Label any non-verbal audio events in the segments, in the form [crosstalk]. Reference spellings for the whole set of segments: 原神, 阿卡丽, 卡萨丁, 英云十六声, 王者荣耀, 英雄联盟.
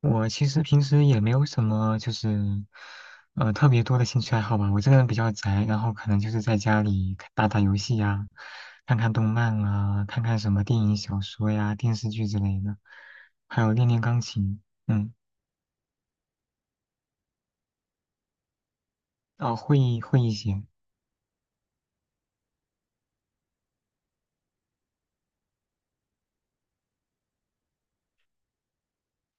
我其实平时也没有什么，就是，特别多的兴趣爱好吧。我这个人比较宅，然后可能就是在家里看打打游戏呀，看看动漫啊，看看什么电影、小说呀、电视剧之类的，还有练练钢琴。嗯。哦，会一些。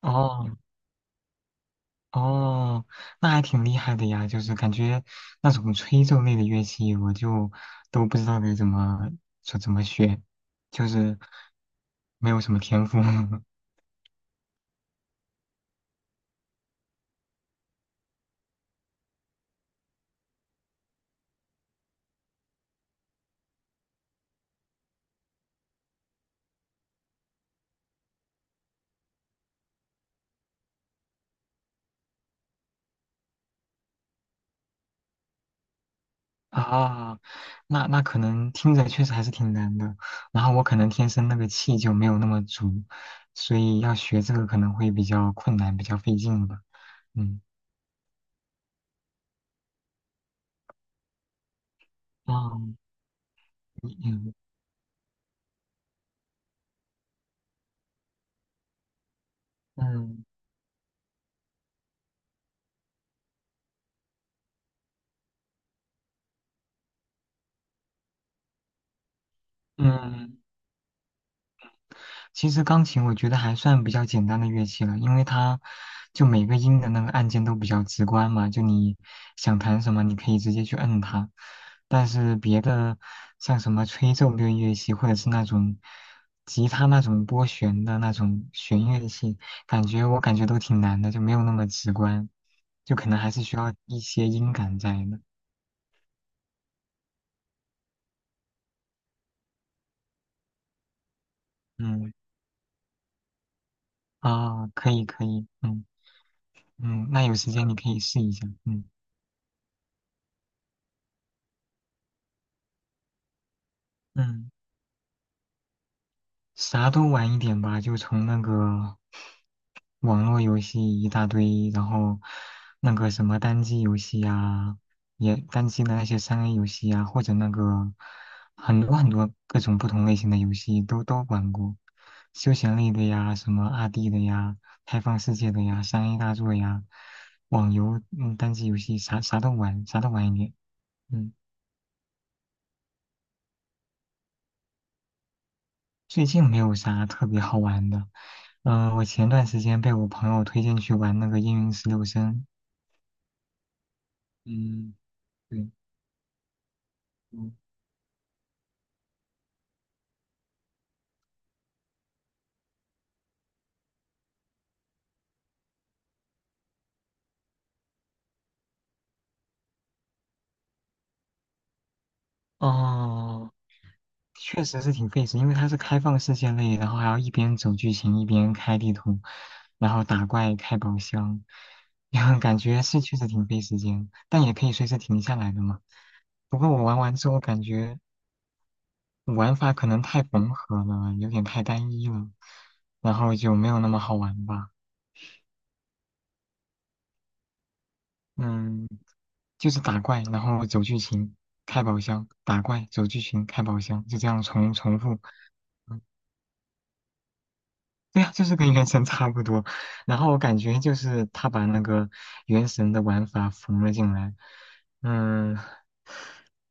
哦哦，那还挺厉害的呀。就是感觉那种吹奏类的乐器，我就都不知道该怎么说怎么学，就是没有什么天赋。[laughs] 啊，那可能听着确实还是挺难的。然后我可能天生那个气就没有那么足，所以要学这个可能会比较困难，比较费劲吧。嗯。哦。嗯嗯嗯。其实钢琴我觉得还算比较简单的乐器了，因为它就每个音的那个按键都比较直观嘛，就你想弹什么，你可以直接去摁它。但是别的像什么吹奏类乐器，或者是那种吉他那种拨弦的那种弦乐器，感觉我感觉都挺难的，就没有那么直观，就可能还是需要一些音感在的。嗯。啊，可以可以。嗯嗯，那有时间你可以试一下。嗯嗯。啥都玩一点吧，就从那个网络游戏一大堆，然后那个什么单机游戏呀、也单机的那些三 A 游戏呀、或者那个很多很多各种不同类型的游戏都玩过，休闲类的呀，什么2D 的呀，开放世界的呀，三 A 大作呀，网游，嗯，单机游戏啥啥都玩，啥都玩一点。嗯。最近没有啥特别好玩的。嗯、我前段时间被我朋友推荐去玩那个《英云十六声》。嗯，对。嗯。哦，确实是挺费时，因为它是开放世界类，然后还要一边走剧情一边开地图，然后打怪开宝箱，[laughs] 感觉是确实挺费时间，但也可以随时停下来的嘛。不过我玩完之后感觉玩法可能太缝合了，有点太单一了，然后就没有那么好玩吧。嗯。就是打怪，然后走剧情，开宝箱，打怪，走剧情，开宝箱，就这样重复。嗯，对呀，就是跟原神 [laughs] 差不多。然后我感觉就是他把那个原神的玩法缝了进来。嗯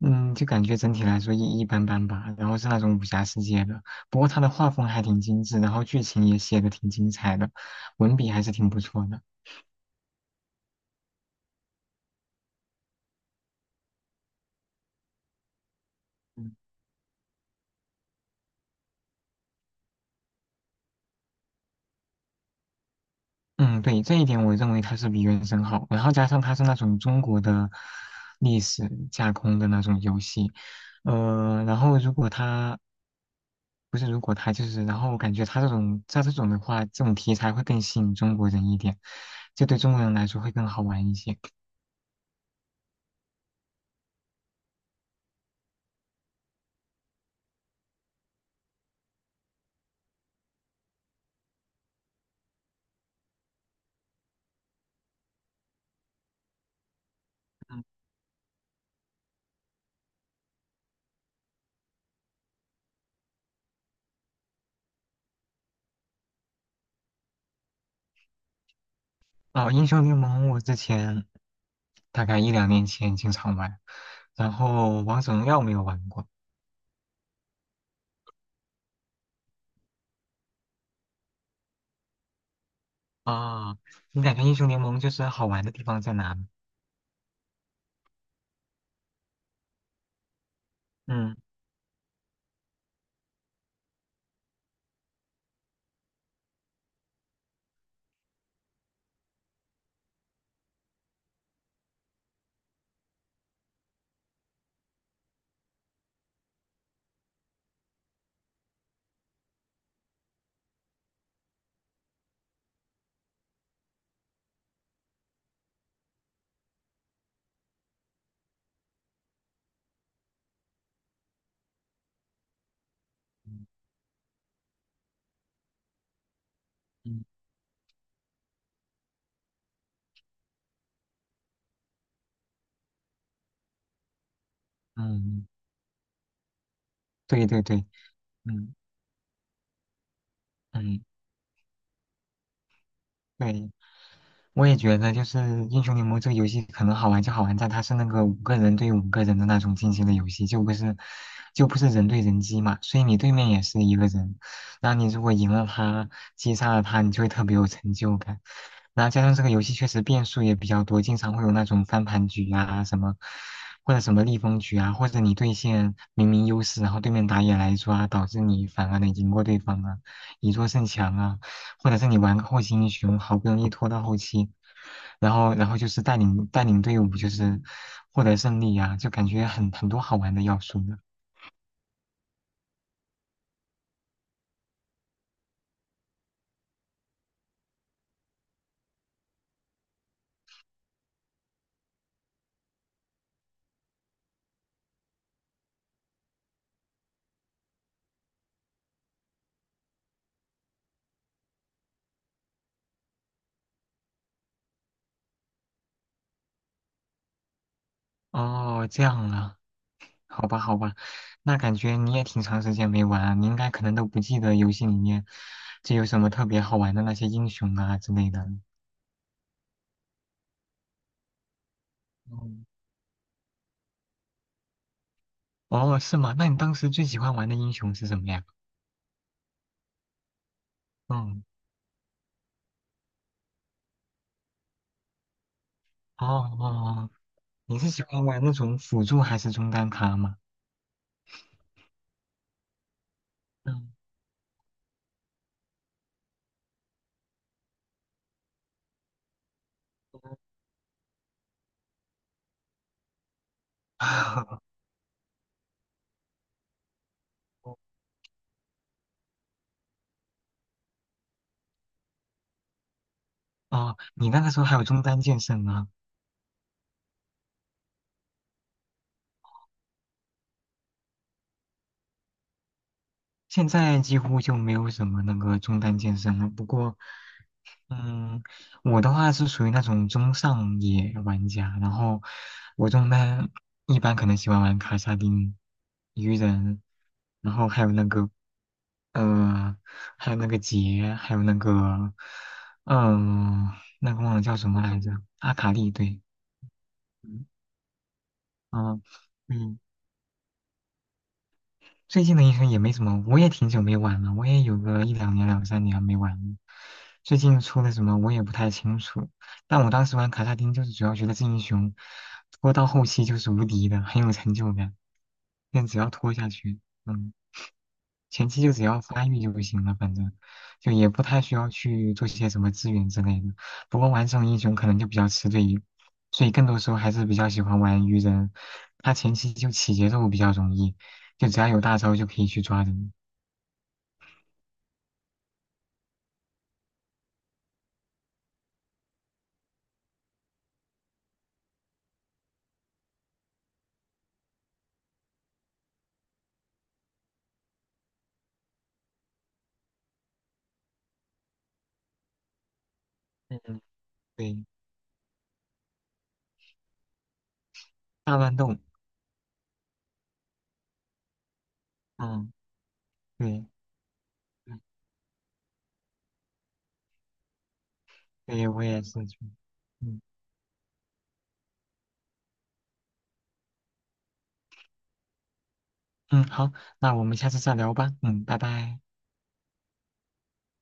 嗯，就感觉整体来说一般般吧。然后是那种武侠世界的，不过他的画风还挺精致，然后剧情也写的挺精彩的，文笔还是挺不错的。嗯嗯，对，这一点我认为它是比原神好，然后加上它是那种中国的历史架空的那种游戏。然后如果它不是，如果它就是，然后我感觉它这种的话，这种题材会更吸引中国人一点，这对中国人来说会更好玩一些。哦，英雄联盟我之前大概一两年前经常玩，然后王者荣耀没有玩过。啊，你感觉英雄联盟就是好玩的地方在哪呢？嗯。嗯。嗯。嗯，对对对。嗯嗯，对，我也觉得就是英雄联盟这个游戏可能好玩就好玩在它是那个五个人对五个人的那种竞技的游戏，就不是人对人机嘛，所以你对面也是一个人，然后你如果赢了他，击杀了他，你就会特别有成就感。然后加上这个游戏确实变数也比较多，经常会有那种翻盘局啊什么，或者什么逆风局啊，或者你对线明明优势，然后对面打野来抓，导致你反而能赢过对方啊，以弱胜强啊。或者是你玩个后期英雄，好不容易拖到后期，然后就是带领队伍，就是获得胜利呀、就感觉很多好玩的要素呢。哦，这样啊，好吧好吧。那感觉你也挺长时间没玩啊你应该可能都不记得游戏里面就有什么特别好玩的那些英雄啊之类的。嗯。哦，是吗？那你当时最喜欢玩的英雄是什么呀？嗯。哦哦。哦，你是喜欢玩那种辅助还是中单卡吗？嗯。[laughs] 哦，你那个时候还有中单剑圣啊，现在几乎就没有什么那个中单剑圣了。不过，嗯，我的话是属于那种中上野玩家，然后我中单一般可能喜欢玩卡萨丁、鱼人，然后还有那个，呃，还有那个杰，还有那个，嗯、那个忘了叫什么来着，阿卡丽，对。嗯、啊。嗯，最近的英雄也没什么，我也挺久没玩了，我也有个一两年、2~3年没玩了。最近出的什么我也不太清楚，但我当时玩卡萨丁就是主要觉得这英雄拖到后期就是无敌的，很有成就感，但只要拖下去。嗯。前期就只要发育就不行了，反正就也不太需要去做些什么资源之类的。不过玩这种英雄可能就比较吃队友，所以更多时候还是比较喜欢玩鱼人，他前期就起节奏比较容易，就只要有大招就可以去抓人。嗯，对，大乱斗。嗯，对，对，我也是。嗯嗯，好，那我们下次再聊吧。嗯，拜拜。